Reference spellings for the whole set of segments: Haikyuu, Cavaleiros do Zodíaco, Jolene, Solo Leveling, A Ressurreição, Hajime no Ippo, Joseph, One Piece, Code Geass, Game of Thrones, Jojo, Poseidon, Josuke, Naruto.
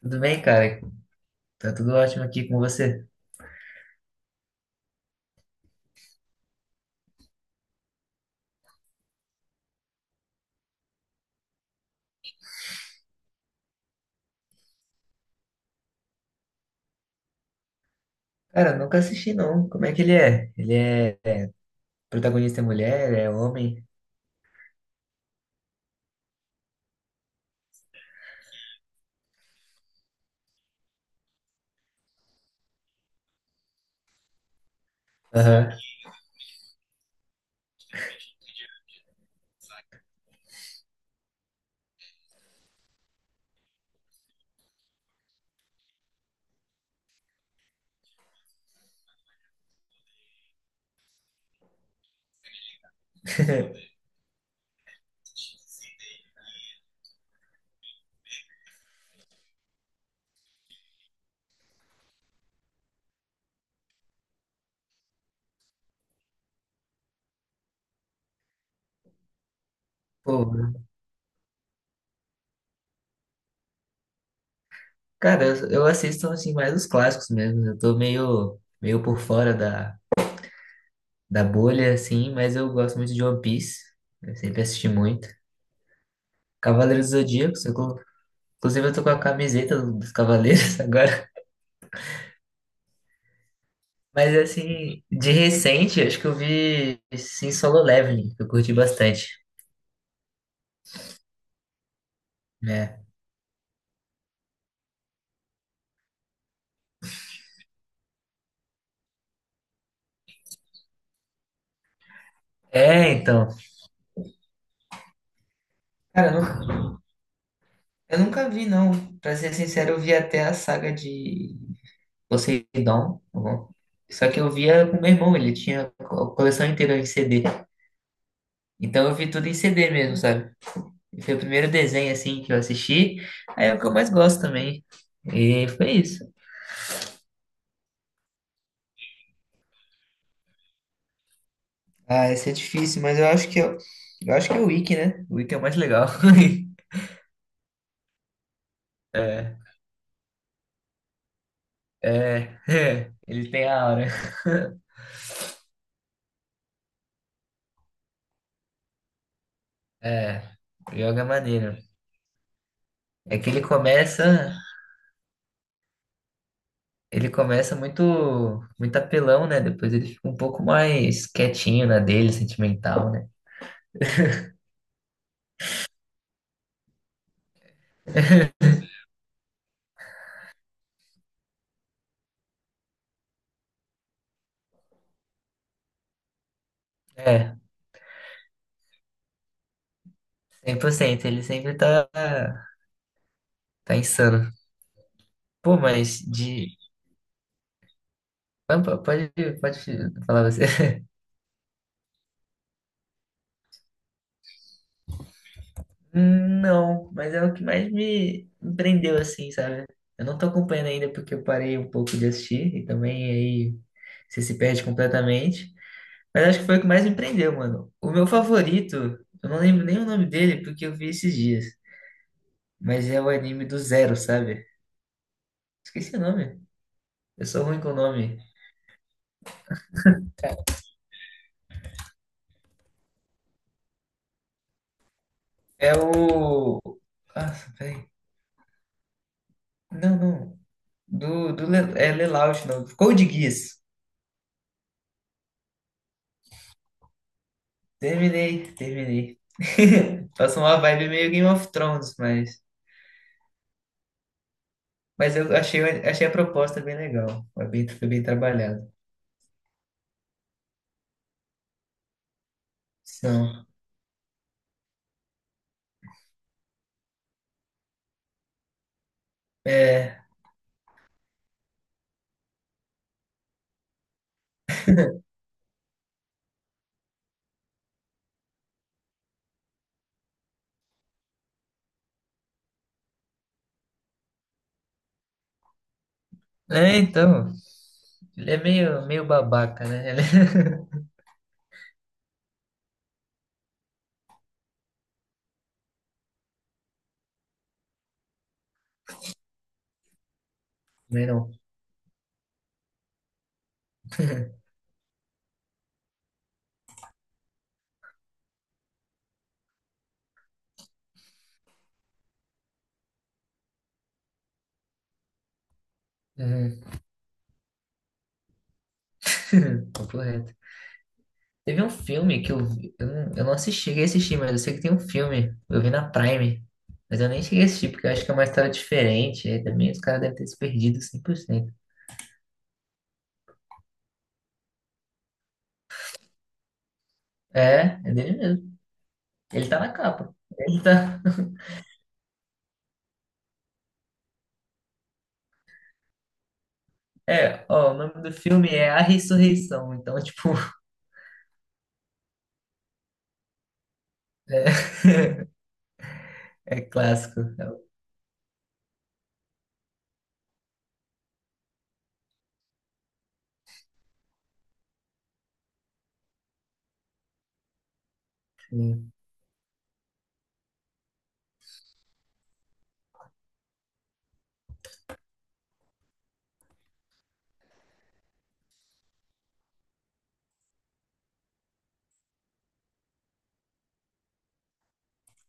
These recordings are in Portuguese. Tudo bem, cara? Tá tudo ótimo aqui com você. Cara, nunca assisti não. Como é que ele é? Ele é, protagonista é mulher, é homem? Aham. Pô, cara, eu assisto assim mais os clássicos mesmo. Eu tô meio meio por fora da bolha assim, mas eu gosto muito de One Piece. Eu sempre assisti muito. Cavaleiros do Zodíaco, inclusive eu tô com a camiseta dos Cavaleiros agora. Mas assim, de recente, acho que eu vi sim Solo Leveling, que eu curti bastante. Né? É, então. Cara, eu nunca vi, não. Pra ser sincero, eu vi até a saga de Poseidon. Só que eu via com meu irmão, ele tinha a coleção inteira em CD. Então eu vi tudo em CD mesmo, sabe? E foi o primeiro desenho, assim, que eu assisti. Aí é o que eu mais gosto também. E foi isso. Ah, esse é difícil, mas eu acho que é o Wiki, né? O Wiki é o mais legal. É, ele tem a aura. É, o jogo é maneiro. É que ele começa. Ele começa muito, muito apelão, né? Depois ele fica um pouco mais quietinho na dele, sentimental, né? É, 100%. Ele sempre tá insano. Pô, mas de... Ah, Pode falar você. Não, mas é o que mais me prendeu, assim, sabe? Eu não tô acompanhando ainda porque eu parei um pouco de assistir e também aí você se perde completamente. Mas acho que foi o que mais me prendeu, mano. O meu favorito, eu não lembro nem o nome dele porque eu vi esses dias. Mas é o anime do Zero, sabe? Esqueci o nome. Eu sou ruim com o nome. É o. Nossa, peraí. Não, não. Do É Lelouch, não. Code Geass. Terminei, terminei. Passou uma vibe meio Game of Thrones, mas. Mas eu achei a proposta bem legal. Foi bem trabalhado. Então, é. É, então. Ele é meio, meio babaca, né? Ele... Não é não. Uhum. Papo reto. Teve um filme que eu vi, eu não assisti, cheguei a assistir, mas eu sei que tem um filme, eu vi na Prime, mas eu nem cheguei a assistir, porque eu acho que é uma história diferente, aí também os caras devem ter se perdido 100%. É, é dele mesmo. Ele tá na capa. Ele tá... É, ó, o nome do filme é A Ressurreição, então, tipo, é, é clássico. É o filme.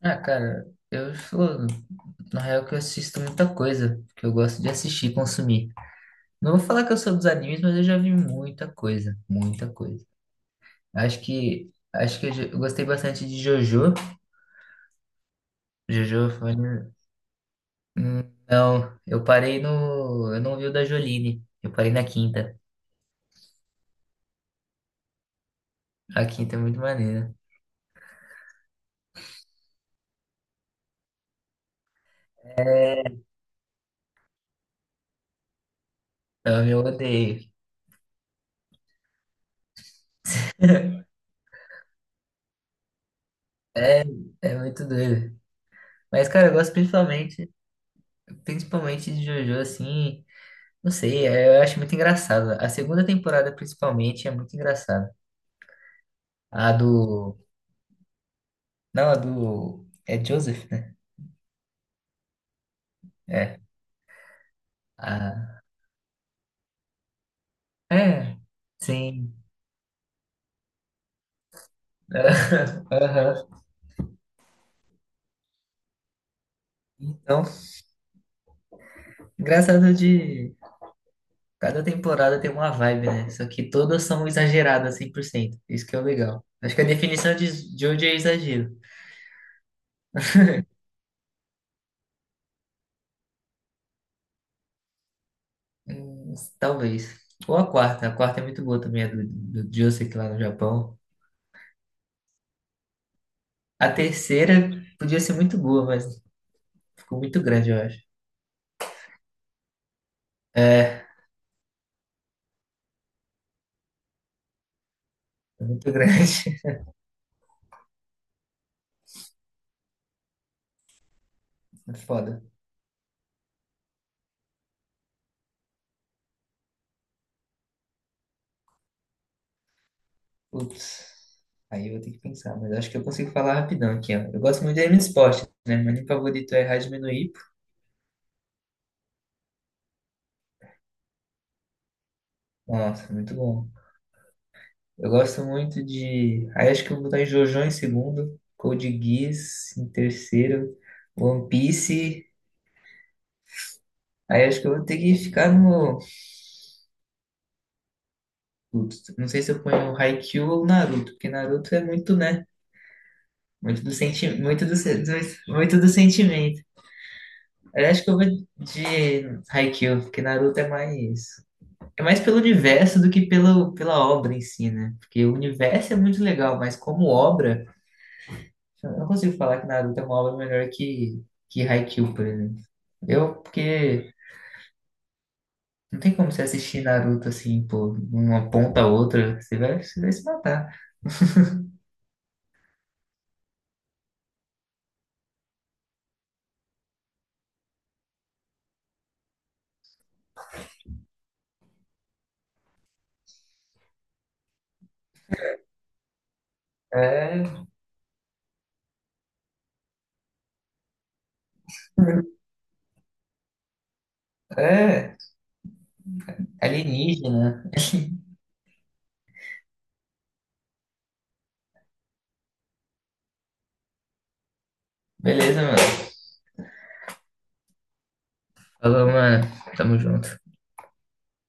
Ah, cara, eu sou, na real, que eu assisto muita coisa, que eu gosto de assistir e consumir. Não vou falar que eu sou dos animes, mas eu já vi muita coisa, muita coisa. Acho que eu gostei bastante de Jojo. Jojo foi hum, Não, eu parei no, eu não vi o da Jolene. Eu parei na quinta. A quinta é muito maneira. Ela me odeio. É muito doido. Mas, cara, eu gosto principalmente de Jojo, assim, não sei, eu acho muito engraçado. A segunda temporada, principalmente, é muito engraçada. A do. Não, a do. É Joseph, né? É. A... É, sim. Aham. Então, engraçado de. Cada temporada tem uma vibe, né? Só que todas são exageradas 100%. Isso que é o legal. Acho que a definição de Jojo é exagero. Talvez. Ou a quarta. A quarta é muito boa também, a do Josuke lá no Japão. A terceira podia ser muito boa, mas ficou muito grande, eu acho. É, é muito grande. Foda. Putz. Aí eu vou ter que pensar, mas acho que eu consigo falar rapidão aqui, ó. Eu gosto muito de anime de esporte, né? Meu anime favorito é Hajime no Ippo. Nossa, muito bom. Eu gosto muito de. Aí acho que eu vou botar JoJo em segundo, Code Geass em terceiro, One Piece. Aí acho que eu vou ter que ficar no. Putz, não sei se eu ponho o Haikyuu ou Naruto, porque Naruto é muito, né? Muito do senti... muito do, se- do- muito do sentimento. Aí acho que eu vou de Haikyuu, porque Naruto é mais pelo universo do que pelo pela obra em si, né? Porque o universo é muito legal, mas como obra eu não consigo falar que Naruto é uma obra melhor que Haikyuu, por exemplo. Porque não tem como você assistir Naruto assim, pô, de uma ponta a outra, você vai se matar. É, é alienígena. Beleza, mano. Falou, mano. Tamo junto.